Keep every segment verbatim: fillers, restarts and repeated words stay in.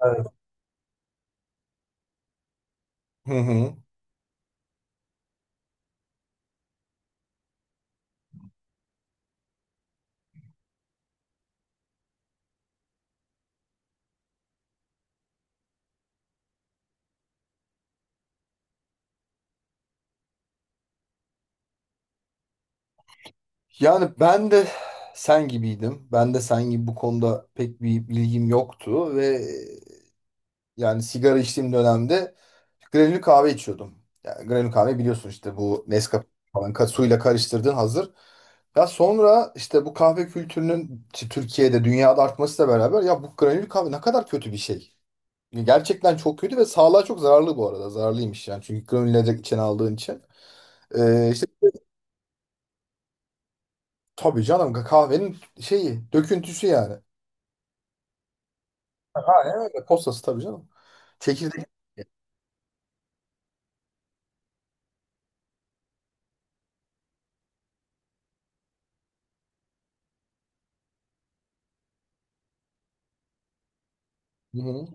Evet. Hı hı. Yani ben de sen gibiydim. Ben de sen gibi bu konuda pek bir bilgim yoktu ve yani sigara içtiğim dönemde granül kahve içiyordum. Yani granül kahve biliyorsun işte bu Nescafe falan ka- suyla karıştırdığın hazır. Ya sonra işte bu kahve kültürünün işte Türkiye'de dünyada artmasıyla beraber ya bu granül kahve ne kadar kötü bir şey. Gerçekten çok kötü ve sağlığa çok zararlı bu arada. Zararlıymış yani çünkü granül içine aldığın için. Ee, işte tabii canım kahvenin şeyi, döküntüsü yani. Aynen evet, postası tabii canım. Çekirdek. Hı hı.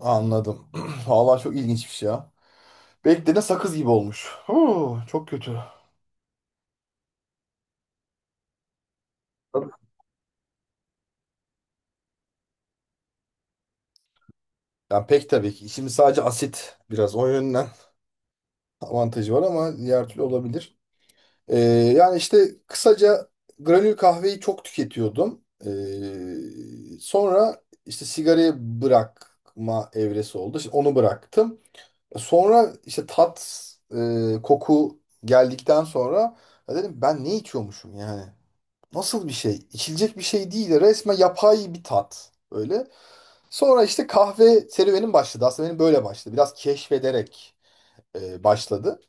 Anladım. Vallahi çok ilginçmiş ya. Beklediğine sakız gibi olmuş. Huu, çok kötü. Tabii. Yani pek tabii ki. Şimdi sadece asit biraz o yönden avantajı var ama diğer türlü olabilir. Ee, yani işte kısaca granül kahveyi çok tüketiyordum. Ee, sonra işte sigarayı bırakma evresi oldu. Şimdi onu bıraktım. Sonra işte tat, e, koku geldikten sonra ya dedim ben ne içiyormuşum yani? Nasıl bir şey? İçilecek bir şey değil. Resmen yapay bir tat. Öyle. Sonra işte kahve serüvenim başladı. Aslında benim böyle başladı. Biraz keşfederek e, başladı.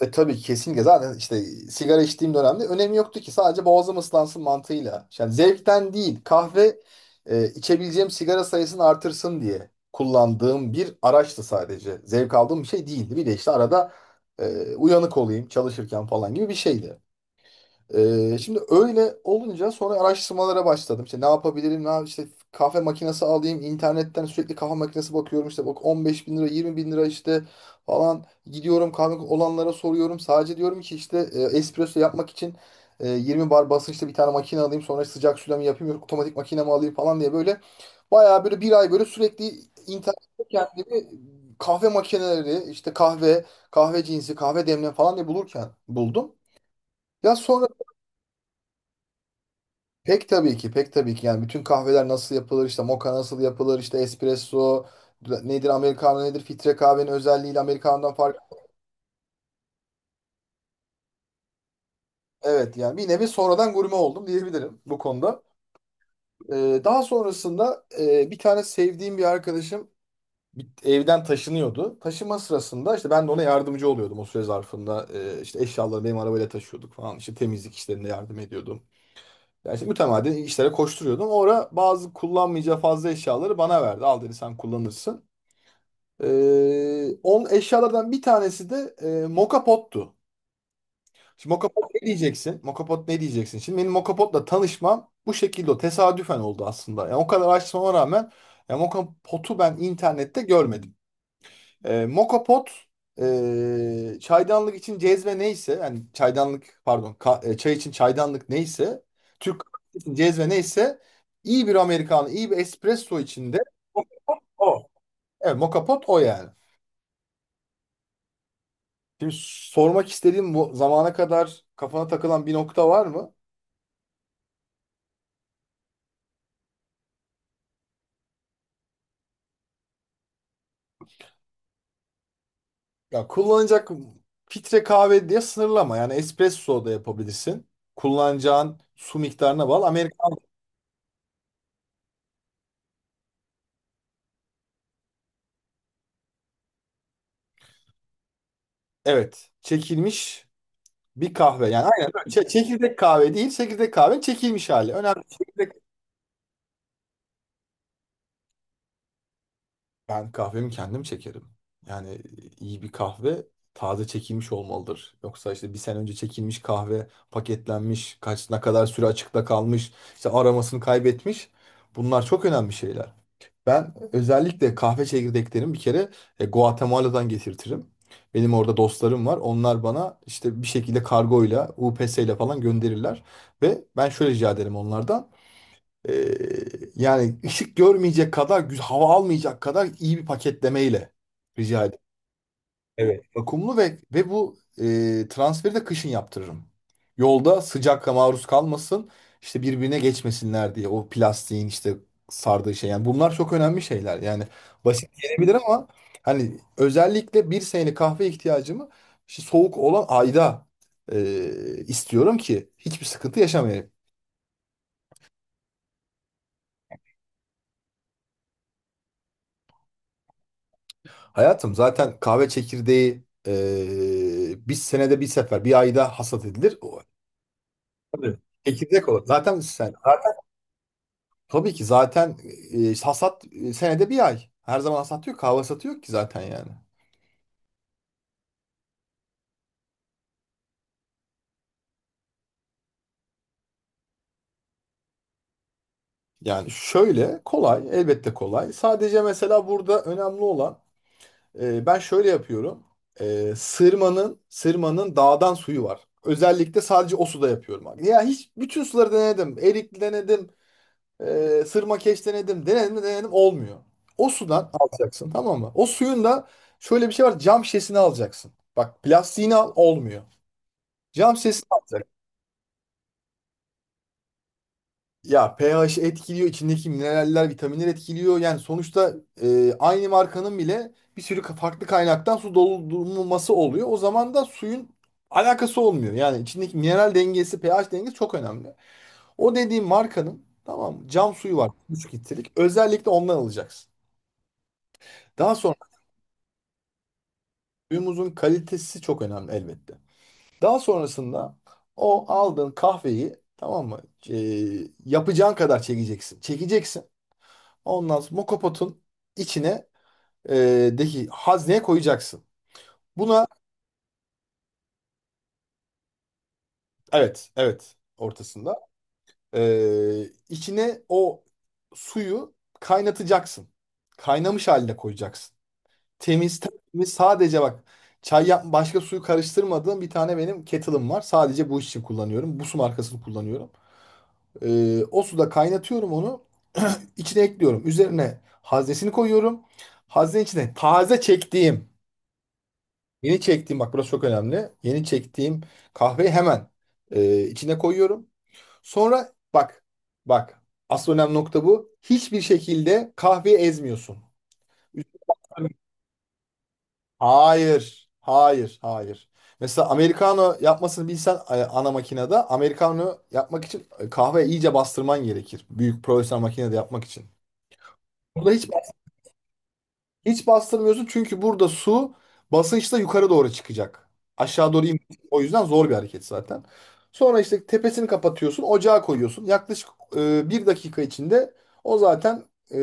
E tabii kesinlikle zaten işte sigara içtiğim dönemde önemi yoktu ki sadece boğazım ıslansın mantığıyla. Yani zevkten değil, kahve e, içebileceğim sigara sayısını artırsın diye kullandığım bir araçtı sadece. Zevk aldığım bir şey değildi. Bir de işte arada e, uyanık olayım çalışırken falan gibi bir şeydi. Ee, şimdi öyle olunca sonra araştırmalara başladım. İşte ne yapabilirim, ne yap- işte kahve makinesi alayım, internetten sürekli kahve makinesi bakıyorum. İşte bak on beş bin lira, yirmi bin lira işte falan, gidiyorum kahve olanlara soruyorum. Sadece diyorum ki işte e, espresso yapmak için, e, 20 bar basınçlı bir tane makine alayım. Sonra işte sıcak suyla mı yapayım, yok otomatik makine mi alayım falan diye böyle bayağı böyle bir ay böyle sürekli internette kendimi kahve makineleri, işte kahve, kahve cinsi, kahve demleme falan diye bulurken buldum. Ya sonra pek tabii ki, pek tabii ki. Yani bütün kahveler nasıl yapılır, işte moka nasıl yapılır, işte espresso nedir, americano nedir, filtre kahvenin özelliğiyle americano'dan fark. Evet, yani bir nevi sonradan gurme oldum diyebilirim bu konuda. Ee, daha sonrasında e, bir tane sevdiğim bir arkadaşım bir- evden taşınıyordu. Taşıma sırasında işte ben de ona yardımcı oluyordum o süre zarfında. Ee, işte eşyaları benim arabayla taşıyorduk falan. İşte temizlik işlerinde yardım ediyordum. Yani işte mütemadiyen işlere koşturuyordum. O ara bazı kullanmayacağı fazla eşyaları bana verdi. Al dedi, sen kullanırsın. Ee, on eşyalardan bir tanesi de e, Moka Pot'tu. Şimdi Moka Pot ne diyeceksin? Moka Pot ne diyeceksin? Şimdi benim Moka Pot'la tanışmam bu şekilde oldu. Tesadüfen oldu aslında. Yani o kadar araştırmama rağmen ya Moka Pot'u ben internette görmedim. Ee, Moka Pot, e, çaydanlık için cezve neyse, yani çaydanlık pardon ka- e, çay için çaydanlık neyse, Türk kahvesi için cezve neyse, iyi bir Amerikanı iyi bir espresso içinde o. Evet, Moka Pot o yani. Şimdi sormak istediğim, bu zamana kadar kafana takılan bir nokta var mı? Ya kullanacak filtre kahve diye sınırlama. Yani espresso da yapabilirsin. Kullanacağın su miktarına bağlı. Amerikan evet, çekilmiş bir kahve. Yani aynen öyle. Çe- çekirdek kahve değil, çekirdek kahve çekilmiş hali. Önemli. Çekirdek. Ben kahvemi kendim çekerim. Yani e, iyi bir kahve taze çekilmiş olmalıdır. Yoksa işte bir sene önce çekilmiş kahve paketlenmiş, kaç ne kadar süre açıkta kalmış, işte aromasını kaybetmiş. Bunlar çok önemli şeyler. Ben özellikle kahve çekirdeklerimi bir kere e, Guatemala'dan getirtirim. Benim orada dostlarım var. Onlar bana işte bir şekilde kargoyla, U P S ile falan gönderirler. Ve ben şöyle rica ederim onlardan. Ee, yani ışık görmeyecek kadar, güz- hava almayacak kadar iyi bir paketlemeyle rica ederim. Evet. Vakumlu ve ve bu e, transferi de kışın yaptırırım. Yolda sıcakla maruz kalmasın, işte birbirine geçmesinler diye o plastiğin işte sardığı şey. Yani bunlar çok önemli şeyler. Yani basit gelebilir ama hani özellikle bir senelik kahve ihtiyacımı işte soğuk olan ayda e, istiyorum ki hiçbir sıkıntı yaşamayayım. Hayatım, zaten kahve çekirdeği e, bir senede bir sefer, bir ayda hasat edilir. O, tabii. Çekirdek olur. Zaten sen zaten- tabii ki zaten e, hasat, e, senede bir ay. Her zaman hasat yok, kahve hasatı yok ki zaten yani. Yani şöyle kolay, elbette kolay. Sadece mesela burada önemli olan, e, ben şöyle yapıyorum. E, sırmanın sırmanın dağdan suyu var. Özellikle sadece o suda yapıyorum. Abi. Ya hiç bütün suları denedim. Erikli denedim. E, Sırma, sırmakeş denedim. Denedim de denedim, olmuyor. O sudan alacaksın, tamam mı? O suyun da şöyle bir şey var. Cam şişesini alacaksın. Bak plastiğini al, olmuyor. Cam şişesini alacaksın. Ya pH etkiliyor. İçindeki mineraller, vitaminler etkiliyor. Yani sonuçta e, aynı markanın bile bir sürü ka- farklı kaynaktan su doldurulması oluyor. O zaman da suyun alakası olmuyor. Yani içindeki mineral dengesi, pH dengesi çok önemli. O dediğim markanın, tamam mı? Cam suyu var. 3 litrelik. Özellikle ondan alacaksın. Daha sonra, suyumuzun kalitesi çok önemli elbette. Daha sonrasında o aldığın kahveyi, tamam mı? E, yapacağın kadar çekeceksin. Çekeceksin. Ondan sonra mokopotun içine, e, deki hazneye koyacaksın. Buna evet evet ortasında, e, içine o suyu kaynatacaksın. Kaynamış haline koyacaksın. Temiz temiz, sadece bak, çay yap başka suyu karıştırmadığım bir tane benim kettle'ım var. Sadece bu iş için kullanıyorum. Bu su markasını kullanıyorum. Ee, o suda kaynatıyorum onu. içine ekliyorum. Üzerine haznesini koyuyorum. Haznenin içine taze çektiğim, yeni çektiğim, bak burası çok önemli. Yeni çektiğim kahveyi hemen e, içine koyuyorum. Sonra bak, bak, asıl önemli nokta bu. Hiçbir şekilde kahveyi ezmiyorsun. Hayır. Hayır. Hayır. Mesela americano yapmasını bilsen, e, ana makinede americano yapmak için e, kahve iyice bastırman gerekir. Büyük profesyonel makinede yapmak için. Burada hiç hiç bastırmıyorsun, çünkü burada su basınçla yukarı doğru çıkacak. Aşağı doğru in. O yüzden zor bir hareket zaten. Sonra işte tepesini kapatıyorsun, ocağa koyuyorsun. Yaklaşık e, bir dakika içinde o zaten e,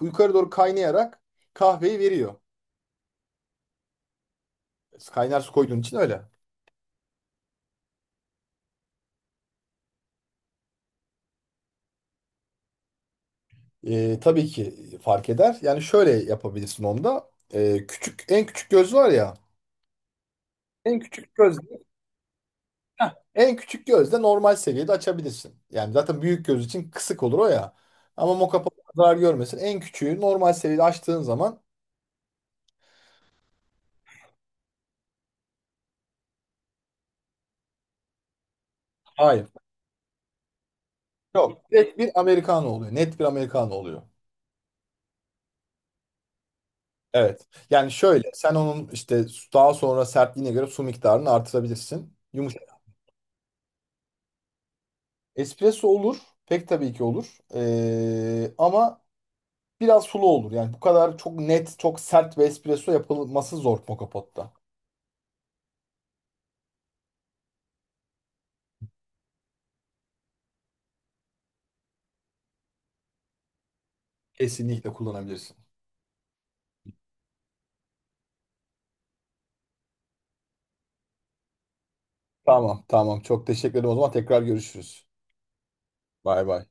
yukarı doğru kaynayarak kahveyi veriyor. Kaynar su koyduğun için öyle. E, tabii ki fark eder. Yani şöyle yapabilirsin onda. E, küçük en küçük göz var ya. En küçük göz. Heh, en küçük gözde normal seviyede açabilirsin. Yani zaten büyük göz için kısık olur o ya. Ama mokapa zarar görmesin. En küçüğü normal seviyede açtığın zaman hayır. Yok. Direkt bir americano oluyor. Net bir americano oluyor. Evet. Yani şöyle sen onun işte daha sonra sertliğine göre su miktarını artırabilirsin. Yumuşak. Espresso olur. Pek tabii ki olur. E, ama biraz sulu olur. Yani bu kadar çok net, çok sert bir espresso yapılması zor moka potta. Kesinlikle kullanabilirsin. Tamam, tamam. Çok teşekkür ederim. O zaman tekrar görüşürüz. Bay bay.